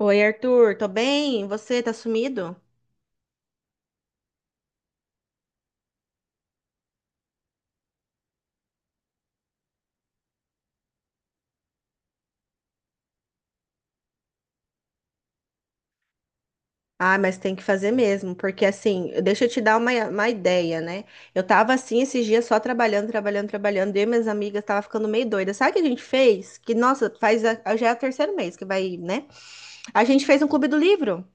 Oi, Arthur, tô bem? Você tá sumido? Ah, mas tem que fazer mesmo, porque assim, deixa eu te dar uma ideia, né? Eu tava assim esses dias só trabalhando, trabalhando, trabalhando, eu e minhas amigas tava ficando meio doida. Sabe o que a gente fez? Que, nossa, já é o terceiro mês que vai, né? A gente fez um clube do livro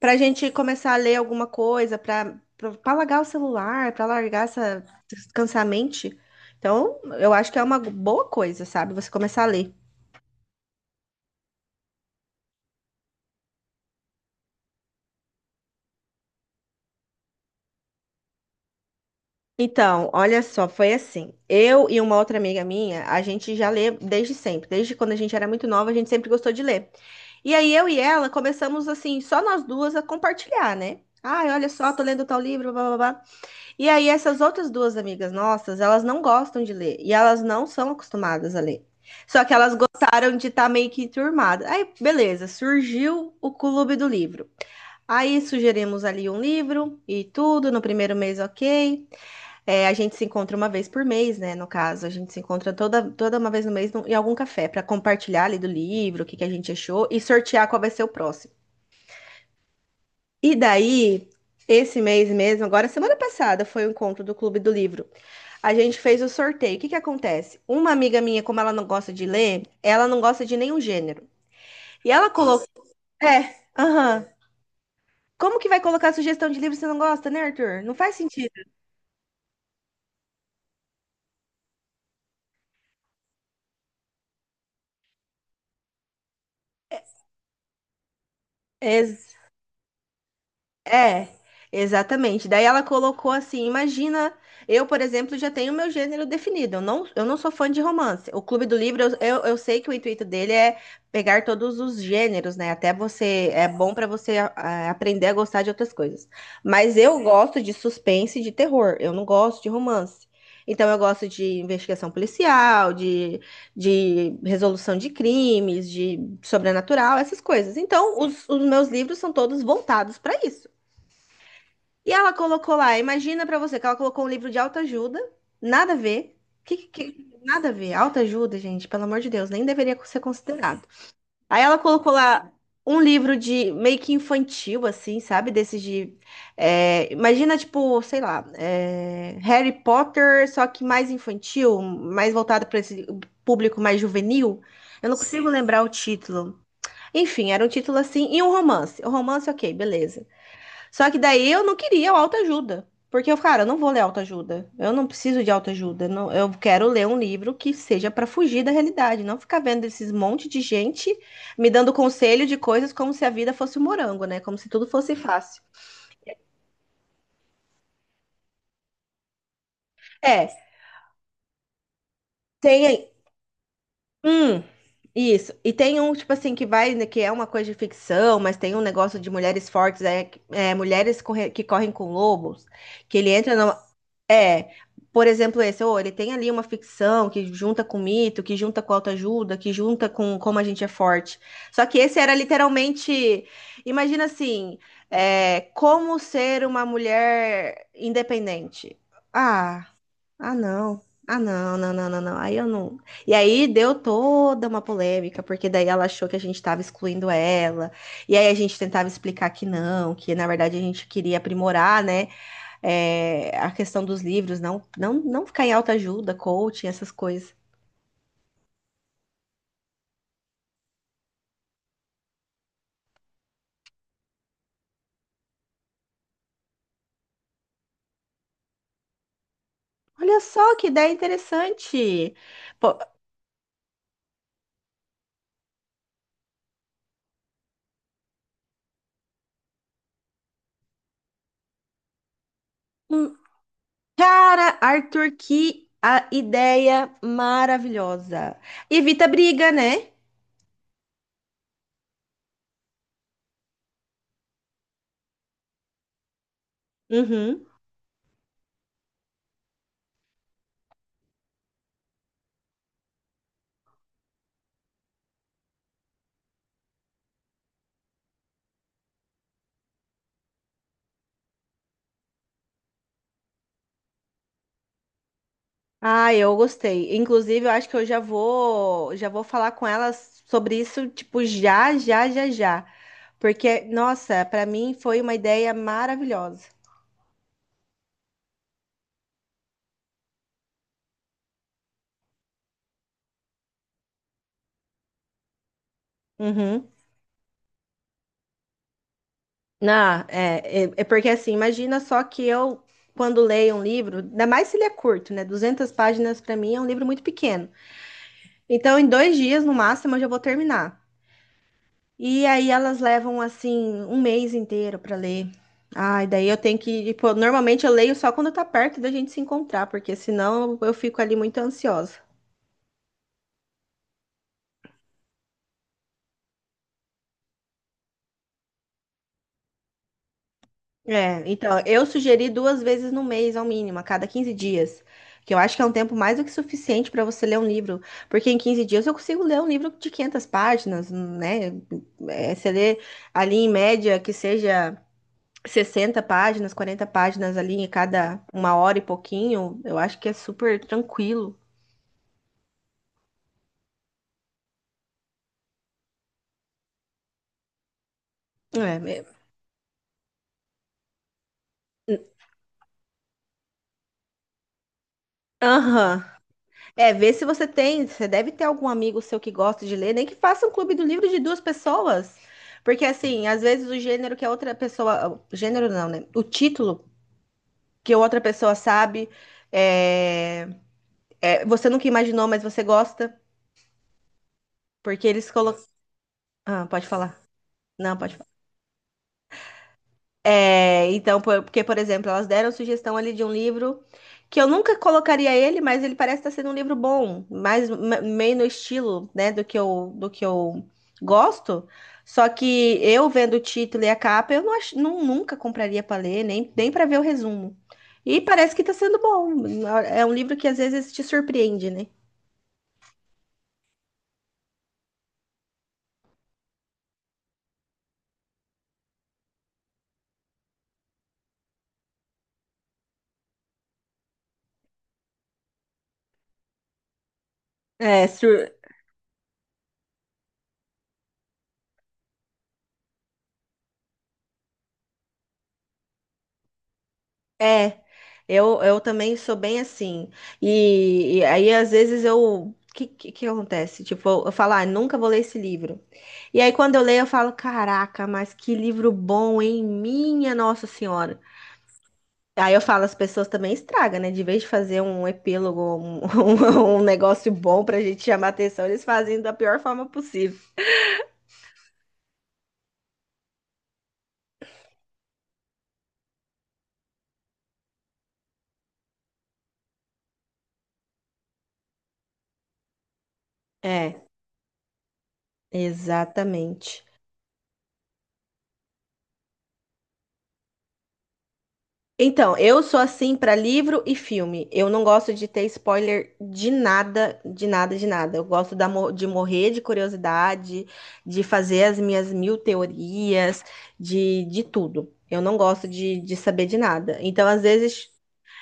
pra gente começar a ler alguma coisa, pra largar o celular, pra largar essa, descansar a mente. Então, eu acho que é uma boa coisa, sabe? Você começar a ler. Então, olha só, foi assim. Eu e uma outra amiga minha, a gente já lê desde sempre. Desde quando a gente era muito nova, a gente sempre gostou de ler. E aí eu e ela começamos assim, só nós duas a compartilhar, né? Ai, olha só, tô lendo tal livro, blá, blá, blá. E aí essas outras duas amigas nossas, elas não gostam de ler e elas não são acostumadas a ler. Só que elas gostaram de estar meio que turmada. Aí, beleza, surgiu o clube do livro. Aí sugerimos ali um livro e tudo, no primeiro mês, ok. É, a gente se encontra uma vez por mês, né? No caso, a gente se encontra toda uma vez no mês em algum café para compartilhar ali do livro, o que que a gente achou e sortear qual vai ser o próximo. E daí, esse mês mesmo, agora semana passada foi o encontro do Clube do Livro. A gente fez o sorteio. O que que acontece? Uma amiga minha, como ela não gosta de ler, ela não gosta de nenhum gênero. E ela colocou. É, aham. Como que vai colocar sugestão de livro se não gosta, né, Arthur? Não faz sentido. Exato. É, exatamente. Daí ela colocou assim: imagina, eu, por exemplo, já tenho meu gênero definido. Eu não sou fã de romance. O Clube do Livro, eu sei que o intuito dele é pegar todos os gêneros, né? Até você, é bom pra você aprender a gostar de outras coisas. Mas eu gosto de suspense e de terror. Eu não gosto de romance. Então, eu gosto de investigação policial, de resolução de crimes, de sobrenatural, essas coisas. Então, os meus livros são todos voltados para isso. E ela colocou lá, imagina pra você que ela colocou um livro de autoajuda, nada a ver. Nada a ver, autoajuda, gente, pelo amor de Deus, nem deveria ser considerado. Aí ela colocou lá um livro de meio que infantil, assim, sabe? Desses de. Imagina, tipo, sei lá, Harry Potter, só que mais infantil, mais voltado para esse público mais juvenil. Eu não consigo lembrar o título. Enfim, era um título assim, e um romance. O romance, ok, beleza. Só que daí eu não queria o autoajuda. Porque eu, cara, eu não vou ler autoajuda. Eu não preciso de autoajuda. Não, eu quero ler um livro que seja para fugir da realidade, não ficar vendo esses monte de gente me dando conselho de coisas como se a vida fosse um morango, né? Como se tudo fosse fácil. É, tem um isso. E tem um, tipo assim, que vai, né, que é uma coisa de ficção, mas tem um negócio de mulheres fortes, mulheres que correm com lobos, que ele entra numa. Por exemplo, esse, ou ele tem ali uma ficção que junta com mito, que junta com autoajuda, que junta com como a gente é forte. Só que esse era literalmente, imagina assim, como ser uma mulher independente. Ah, ah não, ah não, não, não, não, não. Aí eu não. E aí deu toda uma polêmica, porque daí ela achou que a gente estava excluindo ela. E aí a gente tentava explicar que não, que na verdade a gente queria aprimorar, né? A questão dos livros, não, não, não ficar em autoajuda, coaching, essas coisas. Olha só que ideia interessante. Pô, hum, cara, Arthur, que a ideia maravilhosa. Evita briga, né? Uhum. Ah, eu gostei. Inclusive, eu acho que eu já vou falar com elas sobre isso, tipo, já, já, já, já. Porque, nossa, pra mim foi uma ideia maravilhosa. Uhum. Ah, é porque assim, imagina só que eu, quando leio um livro, ainda mais se ele é curto, né? 200 páginas para mim é um livro muito pequeno. Então, em 2 dias, no máximo, eu já vou terminar. E aí elas levam, assim, um mês inteiro para ler. Ai, daí eu tenho que, tipo, normalmente eu leio só quando tá perto da gente se encontrar, porque senão eu fico ali muito ansiosa. É, então, eu sugeri 2 vezes no mês, ao mínimo, a cada 15 dias. Que eu acho que é um tempo mais do que suficiente para você ler um livro. Porque em 15 dias eu consigo ler um livro de 500 páginas, né? É, você lê ali em média que seja 60 páginas, 40 páginas ali em cada uma hora e pouquinho, eu acho que é super tranquilo. É, aham. É, vê se você tem, você deve ter algum amigo seu que gosta de ler, nem que faça um clube do livro de duas pessoas. Porque assim, às vezes o gênero que a outra pessoa, o gênero não, né? O título que a outra pessoa sabe, é, você nunca imaginou, mas você gosta, porque eles colocam. Ah, pode falar. Não, pode. É, então, porque, por exemplo, elas deram sugestão ali de um livro que eu nunca colocaria ele, mas ele parece estar sendo um livro bom, meio no estilo, né, do que eu gosto. Só que eu vendo o título e a capa, eu não, nunca compraria para ler, nem, nem para ver o resumo. E parece que está sendo bom. É um livro que às vezes te surpreende, né? É, é, eu também sou bem assim. E aí, às vezes, eu. O que, que acontece? Tipo, eu falo, ah, nunca vou ler esse livro. E aí, quando eu leio, eu falo, caraca, mas que livro bom, hein? Minha Nossa Senhora. Aí eu falo, as pessoas também estragam, né? De vez de fazer um epílogo, um negócio bom pra gente chamar atenção, eles fazem da pior forma possível. É, exatamente. Então, eu sou assim para livro e filme. Eu não gosto de ter spoiler de nada, de nada, de nada. Eu gosto de morrer de curiosidade, de fazer as minhas mil teorias, de tudo. Eu não gosto de saber de nada. Então, às vezes,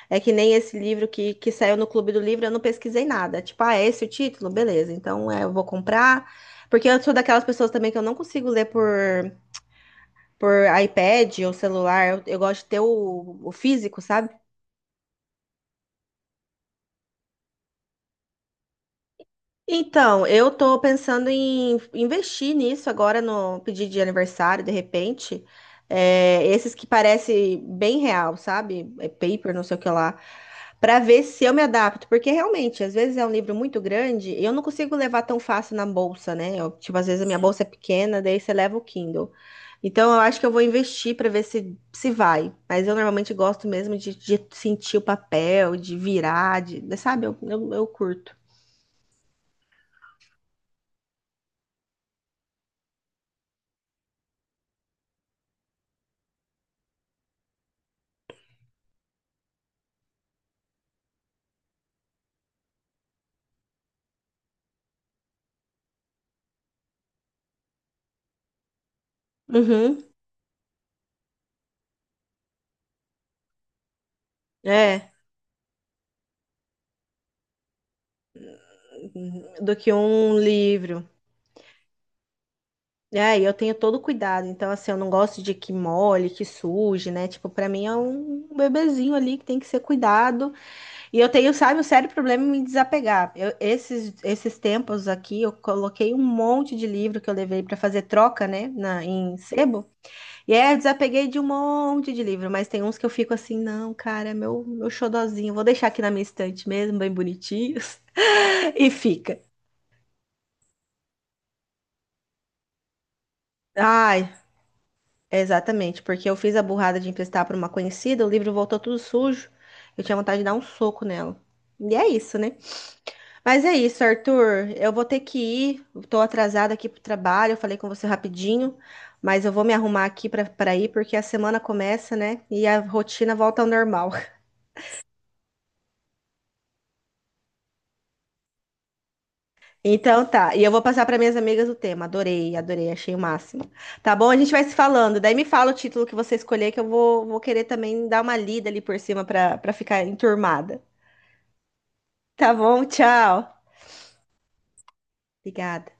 é que nem esse livro que saiu no Clube do Livro, eu não pesquisei nada. Tipo, ah, é esse o título? Beleza, então é, eu vou comprar. Porque eu sou daquelas pessoas também que eu não consigo ler por iPad ou celular. Eu gosto de ter o físico, sabe? Então, eu tô pensando em investir nisso agora no pedido de aniversário, de repente. É, esses que parece bem real, sabe? É paper, não sei o que lá. Pra ver se eu me adapto, porque realmente, às vezes é um livro muito grande e eu não consigo levar tão fácil na bolsa, né? Eu, tipo, às vezes a minha bolsa é pequena, daí você leva o Kindle. Então, eu acho que eu vou investir pra ver se vai. Mas eu normalmente gosto mesmo de sentir o papel, de virar, de, sabe? eu curto. Uhum. É, do que um livro. É, e eu tenho todo o cuidado. Então, assim, eu não gosto de que molhe, que suje, né? Tipo, pra mim é um bebezinho ali que tem que ser cuidado. E eu tenho, sabe, um sério problema em me desapegar. Eu, esses tempos aqui, eu coloquei um monte de livro que eu levei pra fazer troca, né? Na, em sebo. E aí eu desapeguei de um monte de livro. Mas tem uns que eu fico assim, não, cara, é meu, meu xodozinho. Vou deixar aqui na minha estante mesmo, bem bonitinhos. E fica. Ai, exatamente, porque eu fiz a burrada de emprestar para uma conhecida, o livro voltou tudo sujo. Eu tinha vontade de dar um soco nela. E é isso, né? Mas é isso, Arthur. Eu vou ter que ir. Eu tô atrasada aqui pro trabalho. Eu falei com você rapidinho, mas eu vou me arrumar aqui para ir porque a semana começa, né? E a rotina volta ao normal. Então tá. E eu vou passar para minhas amigas o tema. Adorei, adorei, achei o máximo. Tá bom? A gente vai se falando. Daí me fala o título que você escolher que eu vou querer também dar uma lida ali por cima para ficar enturmada. Tá bom, tchau. Obrigada.